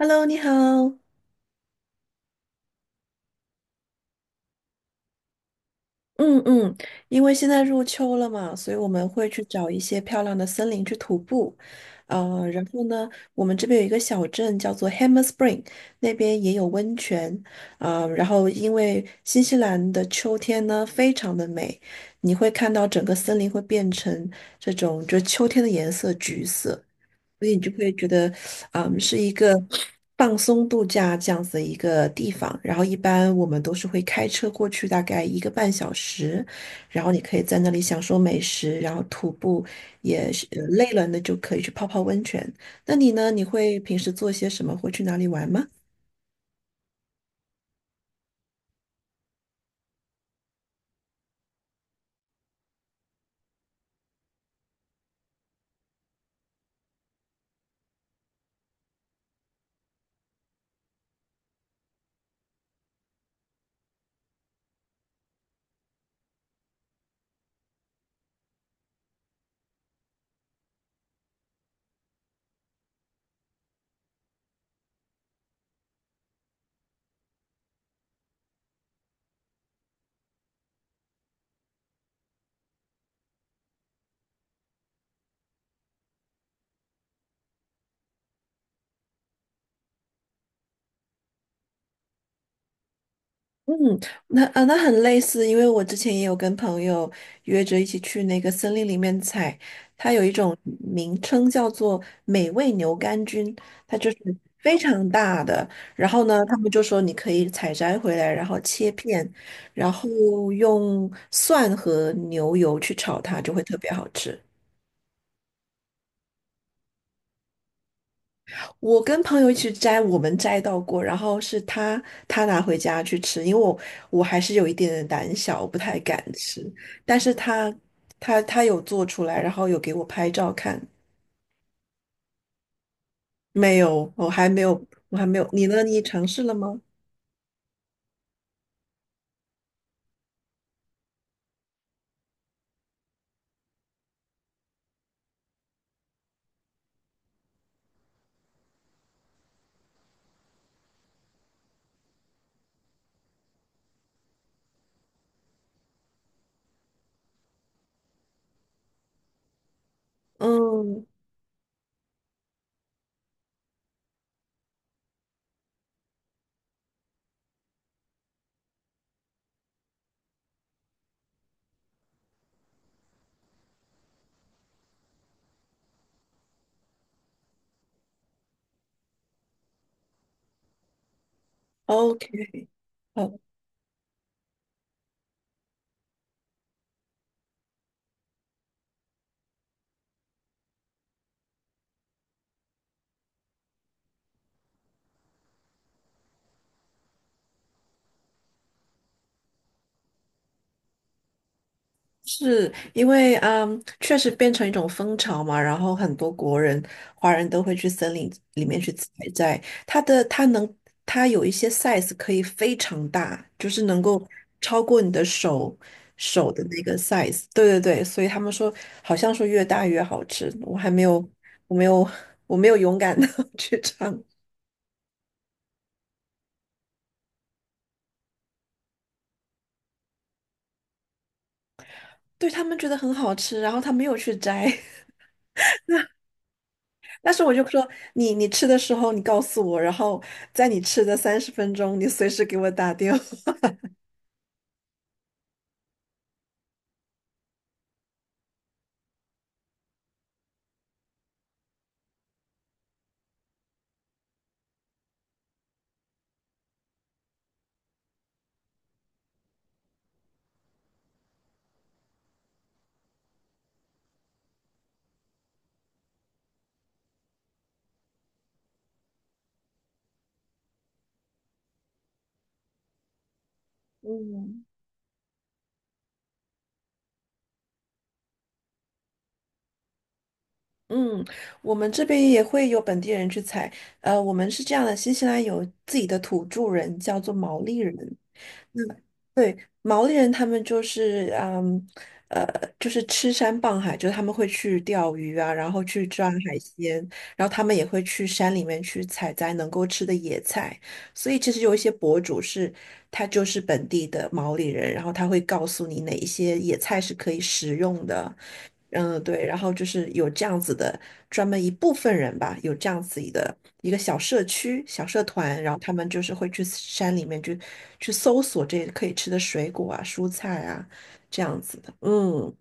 Hello，你好。嗯嗯，因为现在入秋了嘛，所以我们会去找一些漂亮的森林去徒步。然后呢，我们这边有一个小镇叫做 Hammer Spring，那边也有温泉。然后因为新西兰的秋天呢非常的美，你会看到整个森林会变成这种就秋天的颜色，橘色。所以你就会觉得，是一个放松度假这样子的一个地方。然后一般我们都是会开车过去，大概一个半小时，然后你可以在那里享受美食，然后徒步也是累了，呢就可以去泡泡温泉。那你呢？你会平时做些什么？会去哪里玩吗？嗯，那啊，那很类似，因为我之前也有跟朋友约着一起去那个森林里面采，它有一种名称叫做美味牛肝菌，它就是非常大的，然后呢，他们就说你可以采摘回来，然后切片，然后用蒜和牛油去炒它，就会特别好吃。我跟朋友一起摘，我们摘到过，然后是他拿回家去吃，因为我还是有一点点胆小，我不太敢吃，但是他有做出来，然后有给我拍照看，没有，我还没有，我还没有，你呢？你尝试了吗？嗯，OK，好，是因为确实变成一种风潮嘛，然后很多国人、华人都会去森林里面去采摘。它能，它有一些 size 可以非常大，就是能够超过你的手的那个 size。对对对，所以他们说，好像说越大越好吃。我还没有，我没有，我没有勇敢的 去尝。对，他们觉得很好吃，然后他没有去摘。但是我就说你吃的时候你告诉我，然后在你吃的30分钟，你随时给我打电话。嗯嗯，我们这边也会有本地人去采。我们是这样的，新西兰有自己的土著人，叫做毛利人。那对，毛利人他们就是，呃，就是吃山傍海，就是他们会去钓鱼啊，然后去抓海鲜，然后他们也会去山里面去采摘能够吃的野菜。所以其实有一些博主是，他就是本地的毛利人，然后他会告诉你哪一些野菜是可以食用的，嗯，对，然后就是有这样子的专门一部分人吧，有这样子的一个小社区、小社团，然后他们就是会去山里面去搜索这些可以吃的水果啊、蔬菜啊，这样子的，嗯。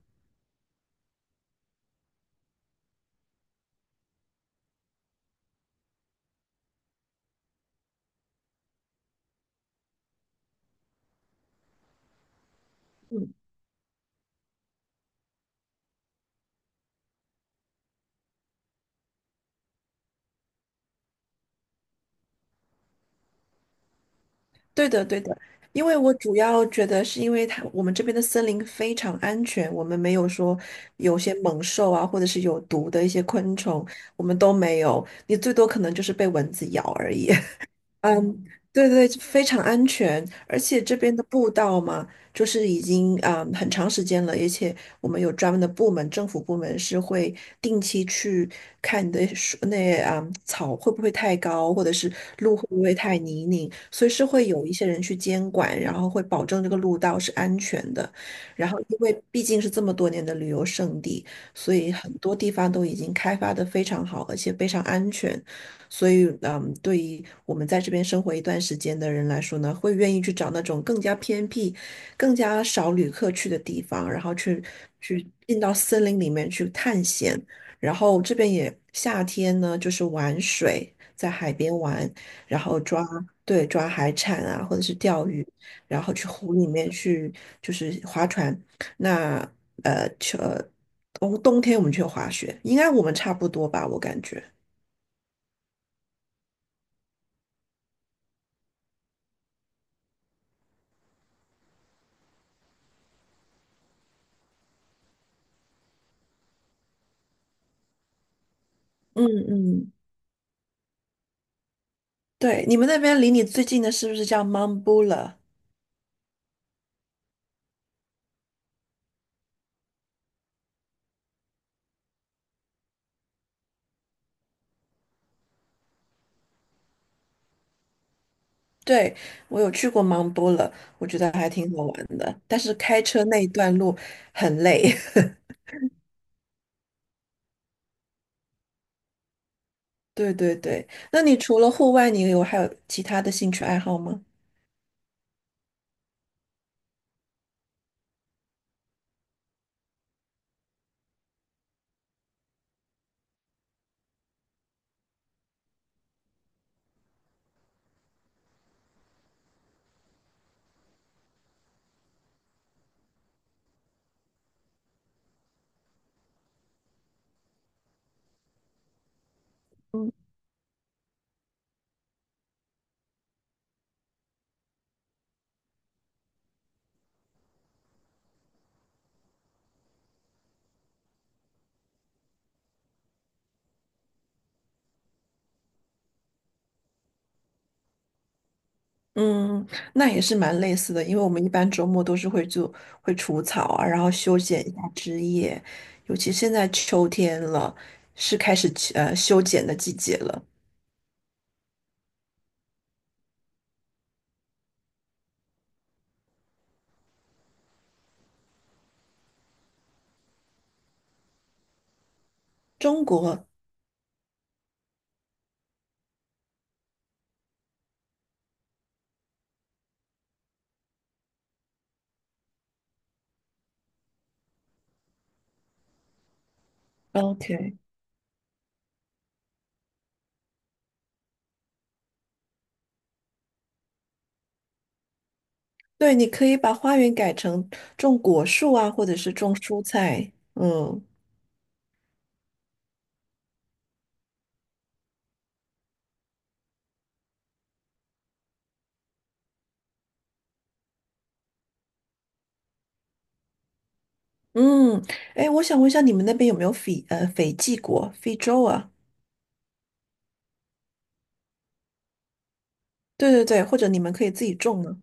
对的，对的，因为我主要觉得是因为它我们这边的森林非常安全，我们没有说有些猛兽啊，或者是有毒的一些昆虫，我们都没有，你最多可能就是被蚊子咬而已。嗯，对对，非常安全，而且这边的步道嘛，就是已经很长时间了，而且我们有专门的部门，政府部门是会定期去看你的树草会不会太高，或者是路会不会太泥泞，所以是会有一些人去监管，然后会保证这个路道是安全的。然后，因为毕竟是这么多年的旅游胜地，所以很多地方都已经开发的非常好，而且非常安全。所以，对于我们在这边生活一段时间的人来说呢，会愿意去找那种更加偏僻、更加少旅客去的地方，然后去进到森林里面去探险。然后这边也夏天呢，就是玩水，在海边玩，然后抓，对，抓海产啊，或者是钓鱼，然后去湖里面去就是划船。那呃，秋呃冬天我们去滑雪，应该我们差不多吧，我感觉。嗯嗯。对，你们那边离你最近的是不是叫 Mambula?对，我有去过 Mambula,我觉得还挺好玩的，但是开车那一段路很累。对对对，那你除了户外，你有还有其他的兴趣爱好吗？嗯，嗯，那也是蛮类似的，因为我们一般周末都是会除草啊，然后修剪一下枝叶，尤其现在秋天了，是开始修剪的季节了。中国，OK。对，你可以把花园改成种果树啊，或者是种蔬菜。嗯嗯，哎，我想问一下，你们那边有没有斐济果、非洲啊？对对对，或者你们可以自己种呢？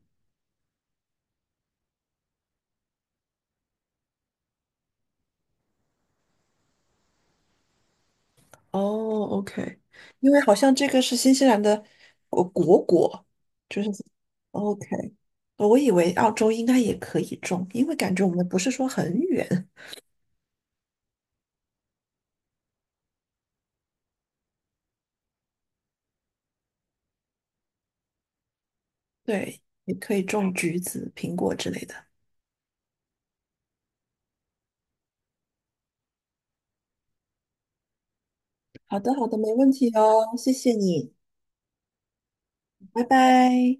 哦，OK,因为好像这个是新西兰的果，就是 OK。我以为澳洲应该也可以种，因为感觉我们不是说很远，对，也可以种橘子、苹果之类的。好的，好的，没问题哦，谢谢你，拜拜。